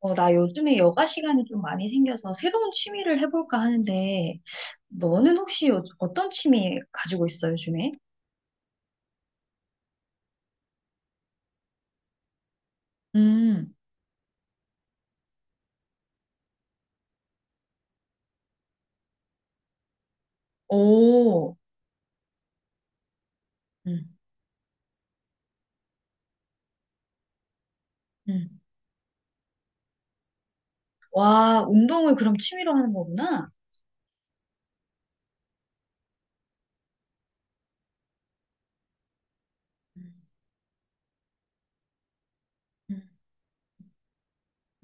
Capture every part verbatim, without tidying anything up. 어, 나 요즘에 여가 시간이 좀 많이 생겨서 새로운 취미를 해볼까 하는데, 너는 혹시 요- 어떤 취미 가지고 있어, 요즘에? 음, 오, 음, 음, 와, 운동을 그럼 취미로 하는 거구나? 음, 음.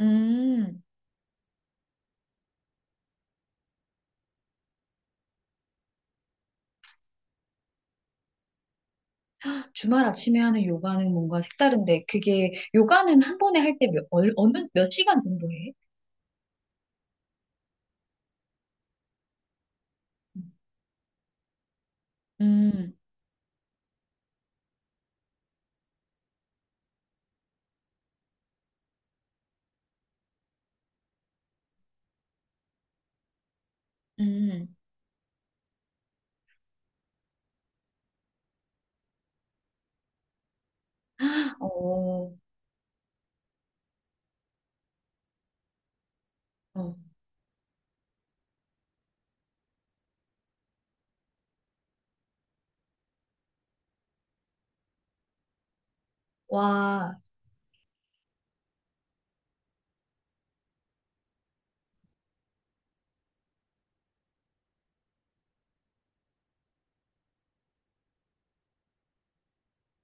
음. 주말 아침에 하는 요가는 뭔가 색다른데, 그게, 요가는 한 번에 할 때 몇, 얼- 어느, 몇 시간 정도 해? 음, 음. 어, 어, 와,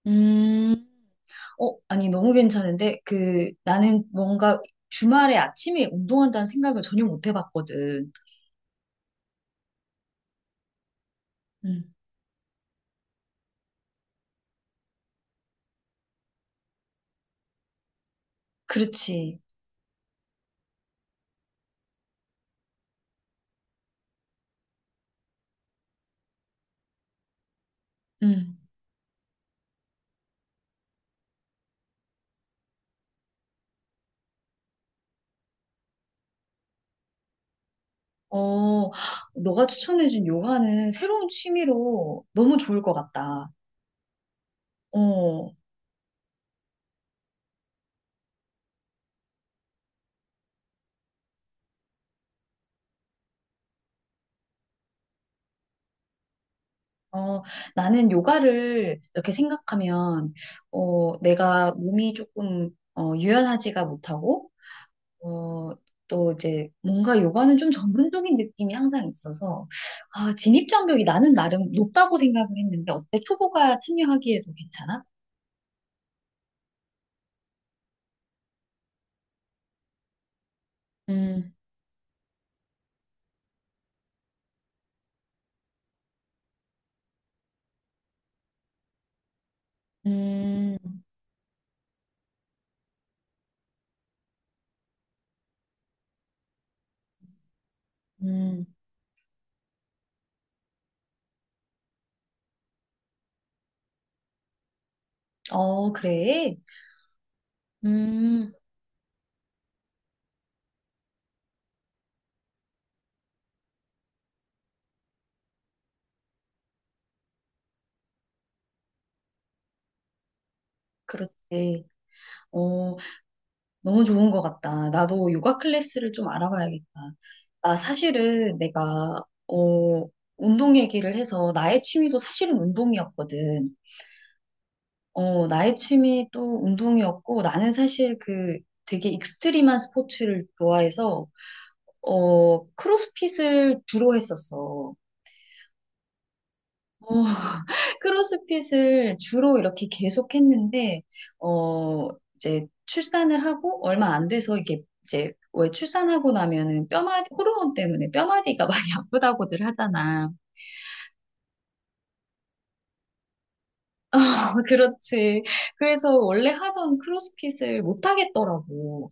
음. 어, 아니, 너무 괜찮은데, 그, 나는 뭔가 주말에 아침에 운동한다는 생각을 전혀 못 해봤거든. 음, 그렇지. 음. 어, 너가 추천해준 요가는 새로운 취미로 너무 좋을 것 같다. 어, 어, 나는 요가를 이렇게 생각하면, 어, 내가 몸이 조금, 어, 유연하지가 못하고, 어, 또 이제 뭔가 요가는 좀 전문적인 느낌이 항상 있어서, 아, 진입장벽이 나는 나름 높다고 생각을 했는데, 어때? 초보가 참여하기에도 괜찮아? 음, 음, 음, 어, 그래. 음. 그렇지. 어, 너무 좋은 것 같다. 나도 요가 클래스를 좀 알아봐야겠다. 나 사실은 내가, 어, 운동 얘기를 해서 나의 취미도 사실은 운동이었거든. 어, 나의 취미 또 운동이었고, 나는 사실 그 되게 익스트림한 스포츠를 좋아해서, 어, 크로스핏을 주로 했었어. 어, 크로스핏을 주로 이렇게 계속 했는데, 어, 이제 출산을 하고 얼마 안 돼서 이게 이제 왜 출산하고 나면은 뼈마디, 호르몬 때문에 뼈마디가 많이 아프다고들 하잖아. 그렇지. 그래서 원래 하던 크로스핏을 못 하겠더라고.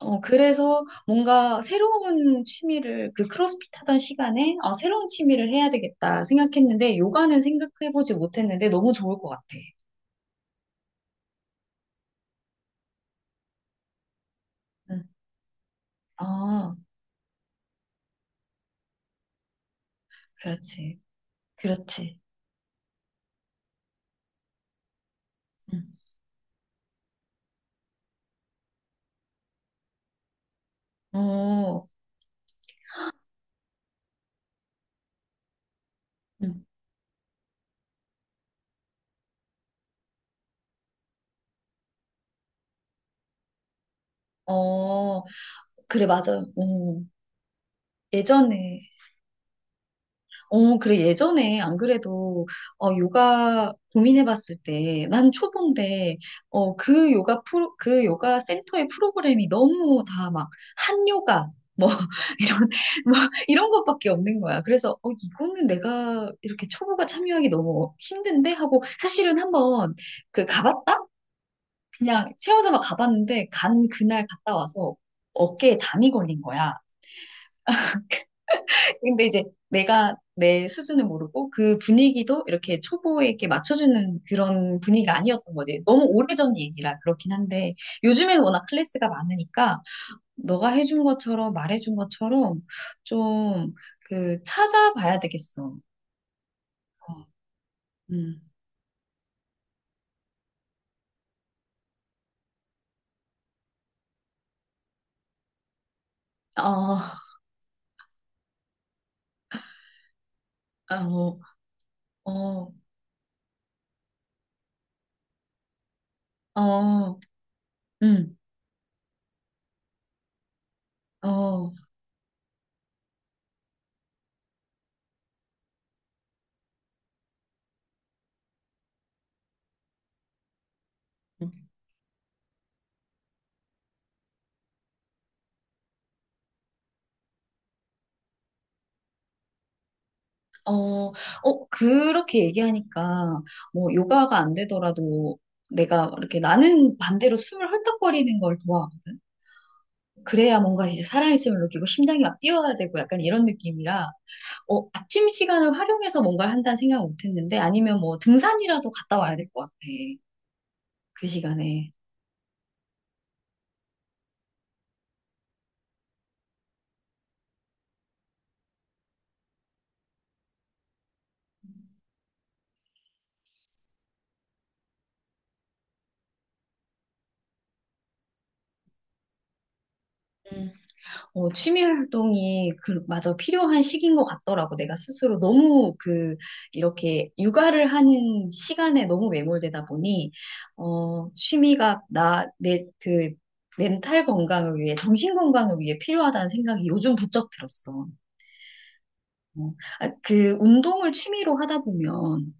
어, 그래서 뭔가 새로운 취미를, 그 크로스핏 하던 시간에, 아, 새로운 취미를 해야 되겠다 생각했는데, 요가는 생각해보지 못했는데, 너무 좋을 것 같아. 응. 아, 그렇지. 그렇지. 응. 어, 응. 어, 그래, 맞아요. 음, 예전에, 어, 그래. 예전에 안 그래도, 어, 요가 고민해봤을 때, 난 초보인데, 어, 그 요가 프로, 그 요가 센터의 프로그램이 너무 다 막, 한 요가, 뭐, 이런, 뭐, 이런 것밖에 없는 거야. 그래서, 어, 이거는 내가 이렇게 초보가 참여하기 너무 힘든데? 하고, 사실은 한번, 그, 가봤다? 그냥 채워서 막 가봤는데, 간 그날 갔다 와서 어깨에 담이 걸린 거야. 근데 이제 내가 내 수준을 모르고 그 분위기도 이렇게 초보에게 맞춰주는 그런 분위기가 아니었던 거지. 너무 오래전 얘기라 그렇긴 한데 요즘에는 워낙 클래스가 많으니까 너가 해준 것처럼 말해준 것처럼 좀 그 찾아봐야 되겠어. 어, 음. 어, 어, 어, 어, 음, 어. 어, 어, 그렇게 얘기하니까, 뭐, 요가가 안 되더라도 내가 이렇게 나는 반대로 숨을 헐떡거리는 걸 좋아하거든. 그래야 뭔가 이제 살아있음을 느끼고 심장이 막 뛰어야 되고 약간 이런 느낌이라, 어, 아침 시간을 활용해서 뭔가를 한다는 생각을 못 했는데, 아니면 뭐 등산이라도 갔다 와야 될 것 같아. 그 시간에. 어, 취미 활동이 그, 맞아, 필요한 시기인 것 같더라고. 내가 스스로 너무 그, 이렇게 육아를 하는 시간에 너무 매몰되다 보니, 어, 취미가 나, 내, 그, 멘탈 건강을 위해, 정신 건강을 위해 필요하다는 생각이 요즘 부쩍 들었어. 어, 아, 그, 운동을 취미로 하다 보면,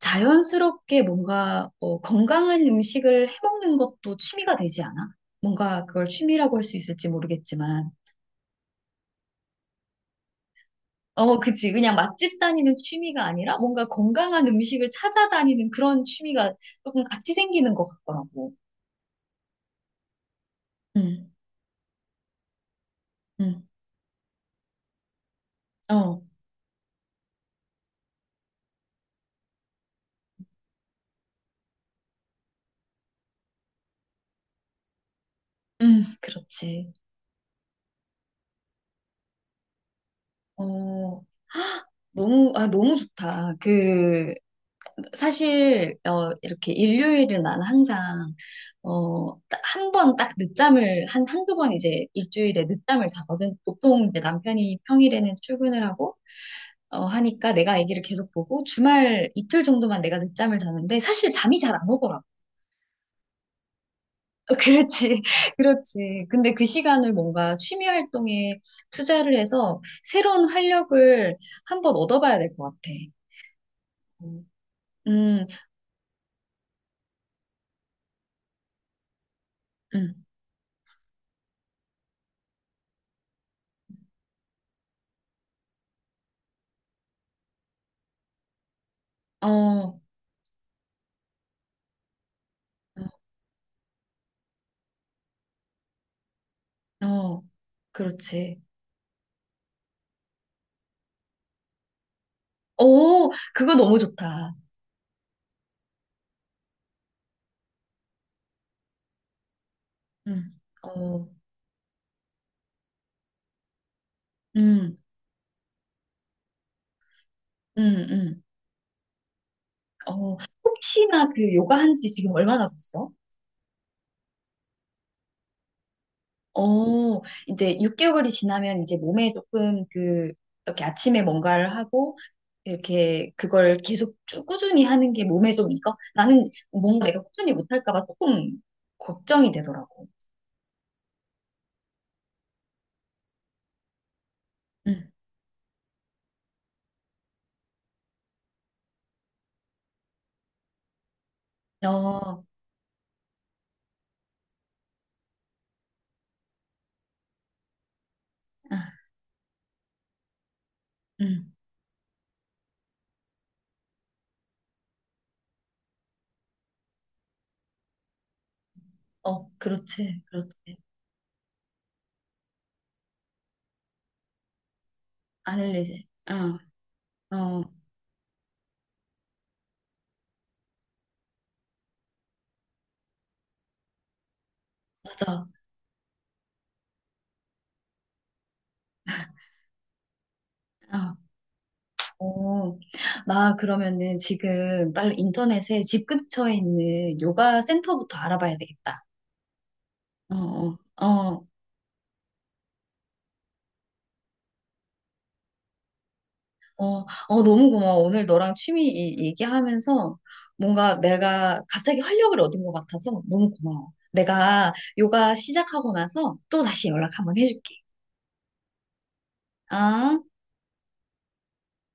자연스럽게 뭔가, 어, 건강한 음식을 해먹는 것도 취미가 되지 않아? 뭔가 그걸 취미라고 할 수 있을지 모르겠지만, 어, 그치. 그냥 맛집 다니는 취미가 아니라 뭔가 건강한 음식을 찾아다니는 그런 취미가 조금 같이 생기는 것 같더라고. 응, 응, 어, 응, 그렇지. 어, 아, 너무, 아, 너무 좋다. 그, 사실, 어, 이렇게 일요일은 난 항상, 어, 한 번 딱 늦잠을, 한, 한두 번 이제 일주일에 늦잠을 자거든. 보통 이제 남편이 평일에는 출근을 하고, 어, 하니까 내가 아기를 계속 보고 주말 이틀 정도만 내가 늦잠을 자는데 사실 잠이 잘 안 오더라고. 어, 그렇지, 그렇지. 근데 그 시간을 뭔가 취미 활동에 투자를 해서 새로운 활력을 한번 얻어봐야 될 것 같아. 음, 음, 음. 어, 어, 그렇지. 오, 그거 너무 좋다. 음, 어, 음, 음, 음. 어, 혹시나 그 요가 한지 지금 얼마나 됐어? 어, 이제 육 개월이 지나면 이제 몸에 조금 그, 이렇게 아침에 뭔가를 하고, 이렇게 그걸 계속 쭉 꾸준히 하는 게 몸에 좀 익어? 나는 뭔가 내가 꾸준히 못할까 봐 조금 걱정이 되더라고. 응, 어, 아, 응, 어, 그렇지, 그렇지. 안 흘리지. 어, 어, 맞아. 어, 어. 나 그러면은 지금 빨리 인터넷에 집 근처에 있는 요가 센터부터 알아봐야 되겠다. 어, 어, 어. 어, 어, 너무 고마워. 오늘 너랑 취미 이- 얘기하면서 뭔가 내가 갑자기 활력을 얻은 것 같아서 너무 고마워. 내가 요가 시작하고 나서 또 다시 연락 한번 해줄게. 아.